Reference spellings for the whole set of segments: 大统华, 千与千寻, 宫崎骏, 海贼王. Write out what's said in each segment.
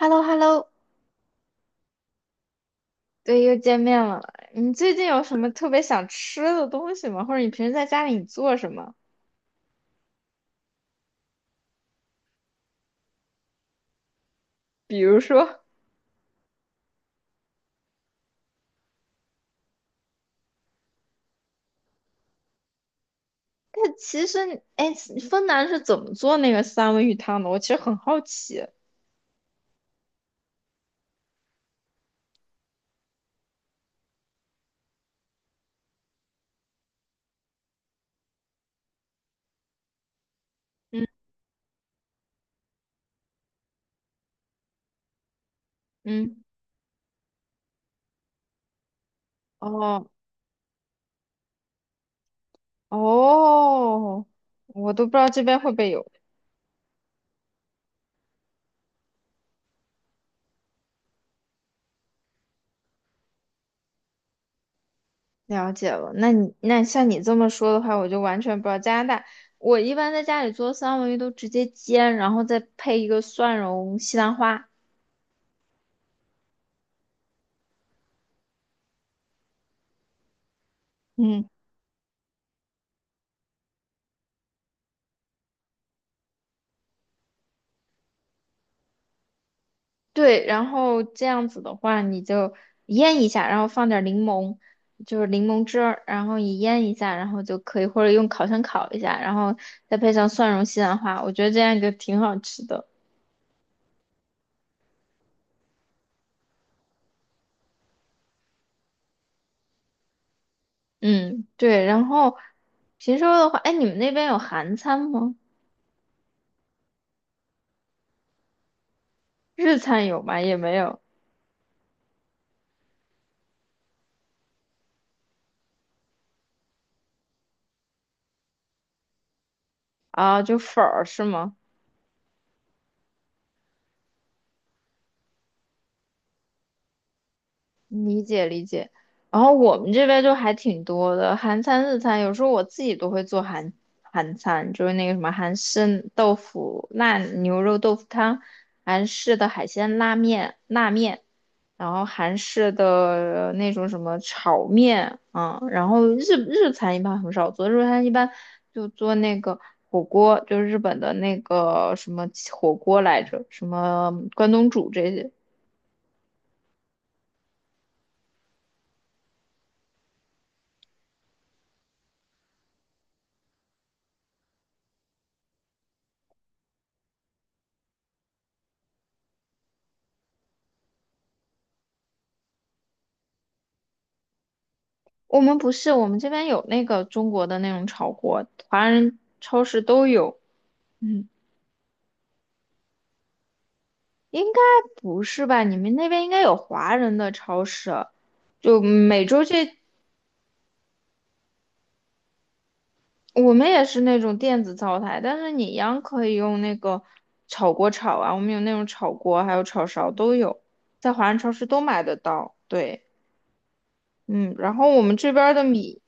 hello hello 对，又见面了。你最近有什么特别想吃的东西吗？或者你平时在家里你做什么？比如说 但其实你，哎，芬兰是怎么做那个三文鱼汤的？我其实很好奇。嗯嗯，哦哦，我都不知道这边会不会有。了解了，那你那像你这么说的话，我就完全不知道加拿大。我一般在家里做三文鱼都直接煎，然后再配一个蒜蓉西兰花。嗯。对，然后这样子的话，你就腌一下，然后放点儿柠檬，就是柠檬汁儿，然后你腌一下，然后就可以，或者用烤箱烤一下，然后再配上蒜蓉西兰花，我觉得这样就挺好吃的。嗯，对，然后平时的话，哎，你们那边有韩餐吗？日餐有吗？也没有啊，就粉儿是吗？理解理解。然后我们这边就还挺多的，韩餐、日餐，有时候我自己都会做韩餐，就是那个什么韩式豆腐、辣牛肉豆腐汤，韩式的海鲜拉面、辣面，然后韩式的那种什么炒面啊，然后日餐一般很少做，日餐一般就做那个火锅，就是日本的那个什么火锅来着，什么关东煮这些。我们不是，我们这边有那个中国的那种炒锅，华人超市都有。嗯，应该不是吧？你们那边应该有华人的超市，就每周这我们也是那种电子灶台，但是你一样可以用那个炒锅炒啊。我们有那种炒锅，还有炒勺都有，在华人超市都买得到。对，嗯，然后我们这边儿的米。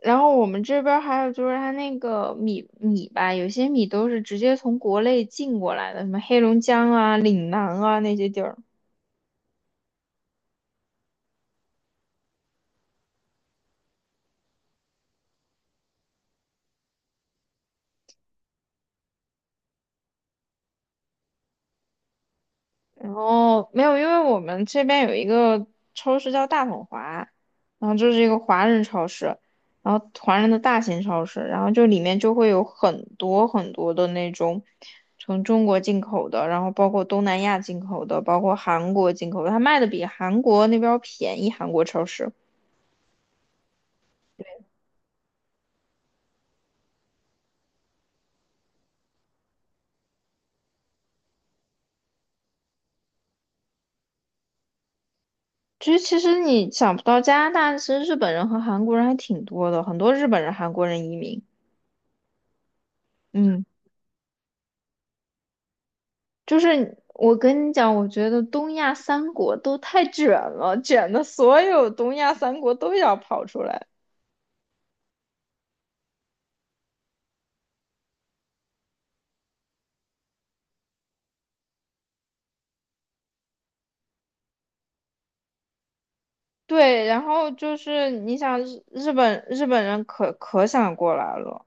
然后我们这边儿还有就是它那个米吧，有些米都是直接从国内进过来的，什么黑龙江啊、岭南啊那些地儿。然后没有，因为我们这边有一个超市叫大统华，然后就是一个华人超市，然后华人的大型超市，然后就里面就会有很多很多的那种从中国进口的，然后包括东南亚进口的，包括韩国进口的，它卖的比韩国那边儿便宜，韩国超市。其实，其实你想不到，加拿大其实日本人和韩国人还挺多的，很多日本人、韩国人移民。嗯，就是我跟你讲，我觉得东亚三国都太卷了，卷的所有东亚三国都要跑出来。对，然后就是你想日本人可想过来了。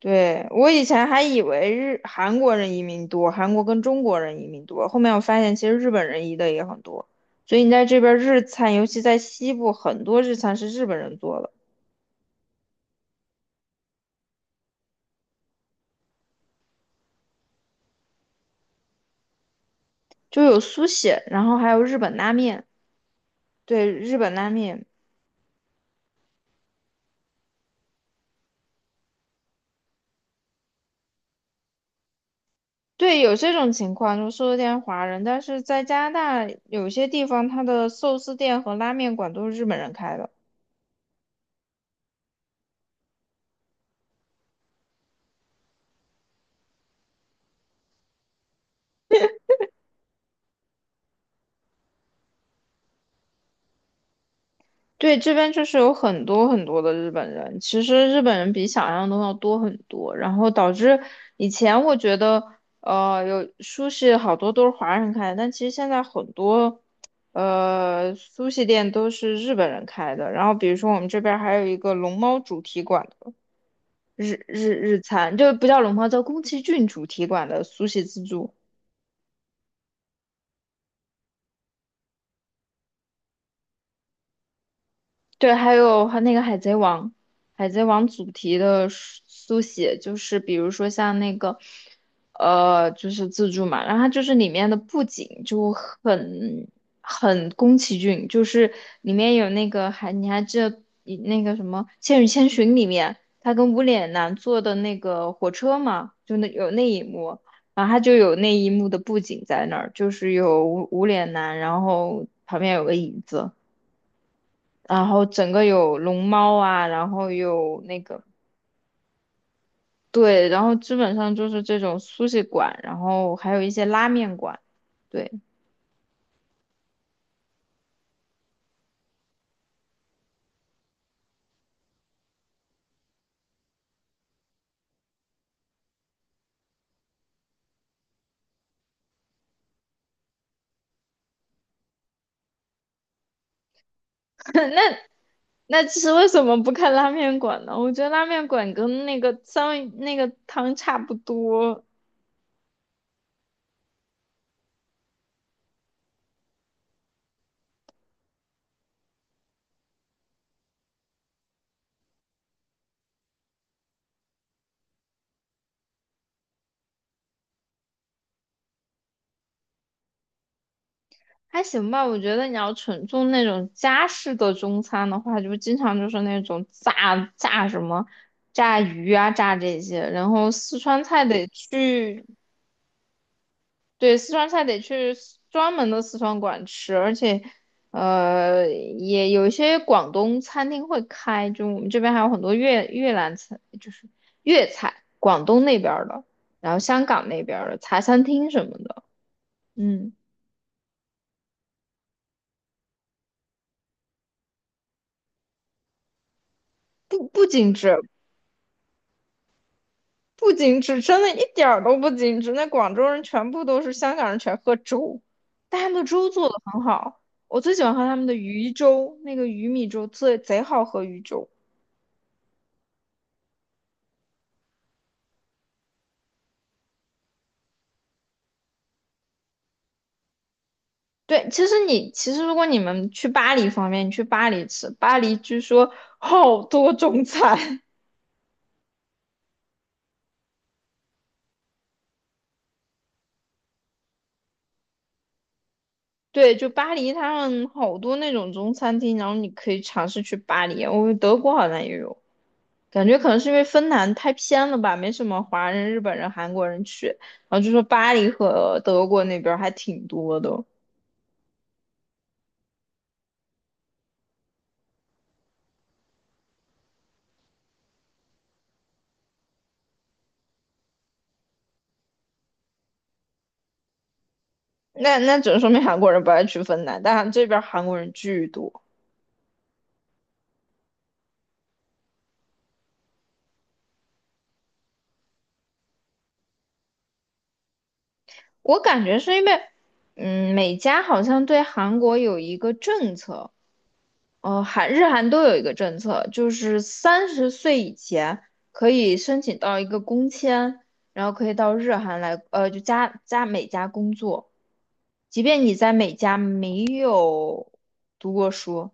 对，我以前还以为日韩国人移民多，韩国跟中国人移民多，后面我发现其实日本人移的也很多，所以你在这边儿日餐，尤其在西部，很多日餐是日本人做的，就有苏写，然后还有日本拉面，对，日本拉面，对，有这种情况，就寿司店华人，但是在加拿大有些地方，它的寿司店和拉面馆都是日本人开的。对，这边就是有很多很多的日本人，其实日本人比想象中要多很多，然后导致以前我觉得，有苏式好多都是华人开的，但其实现在很多，苏式店都是日本人开的。然后比如说我们这边还有一个龙猫主题馆的日餐，就不叫龙猫，叫宫崎骏主题馆的苏式自助。对，还有和那个《海贼王》，《海贼王》主题的书写，就是比如说像那个，就是自助嘛，然后它就是里面的布景就很宫崎骏，就是里面有那个还你还记得以那个什么《千与千寻》里面他跟无脸男坐的那个火车嘛，就那有那一幕，然后他就有那一幕的布景在那儿，就是有无脸男，然后旁边有个椅子。然后整个有龙猫啊，然后有那个，对，然后基本上就是这种苏式馆，然后还有一些拉面馆，对。那其实为什么不看拉面馆呢？我觉得拉面馆跟那个三文那个汤差不多，还行吧。我觉得你要纯做那种家式的中餐的话，就经常就是那种炸什么。炸鱼啊，炸这些，然后四川菜得去对，四川菜得去 专门的四川馆吃，而且，也有一些广东餐厅会开，就我们这边还有很多越南菜，就是粤菜，广东那边儿的，然后香港那边儿的茶餐厅什么的，嗯，不精致，不精致，真的一点儿都不精致。那广州人全部都是香港人，全喝粥，但他们的粥做的很好，我最喜欢喝他们的鱼粥，那个鱼米粥最贼好喝，鱼粥。对，其实你其实如果你们去巴黎方面，你去巴黎吃，巴黎据说 好多中餐。对，就巴黎他们好多那种中餐厅，然后你可以尝试去巴黎。我们德国好像也有，感觉可能是因为芬兰太偏了吧，没什么华人、日本人、韩国人去。然后就说巴黎和德国那边儿还挺多的，那那只能说明韩国人不爱去芬兰，但这边儿韩国人巨多。我感觉是因为，嗯，美加好像对韩国有一个政策。韩日韩都有一个政策，就是30岁以前可以申请到一个工签，然后可以到日韩来，就加加美加工作，即便你在美加没有读过书，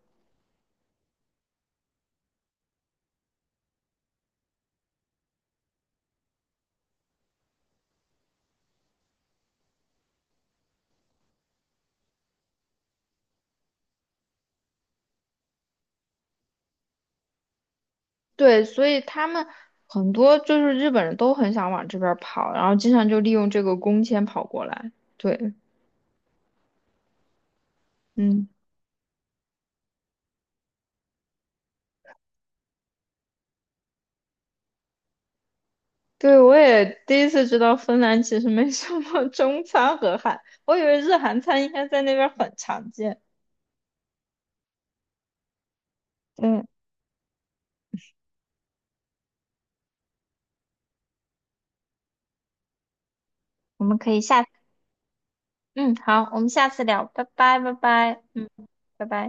对，所以他们很多就是日本人都很想往这边儿跑，然后经常就利用这个工签跑过来，对，嗯。对，我也第一次知道芬兰其实没什么 中餐和韩，我以为日韩餐应该在那边儿很常见。嗯，我们可以下，嗯，好，我们下次聊，拜拜，拜拜，嗯，拜拜。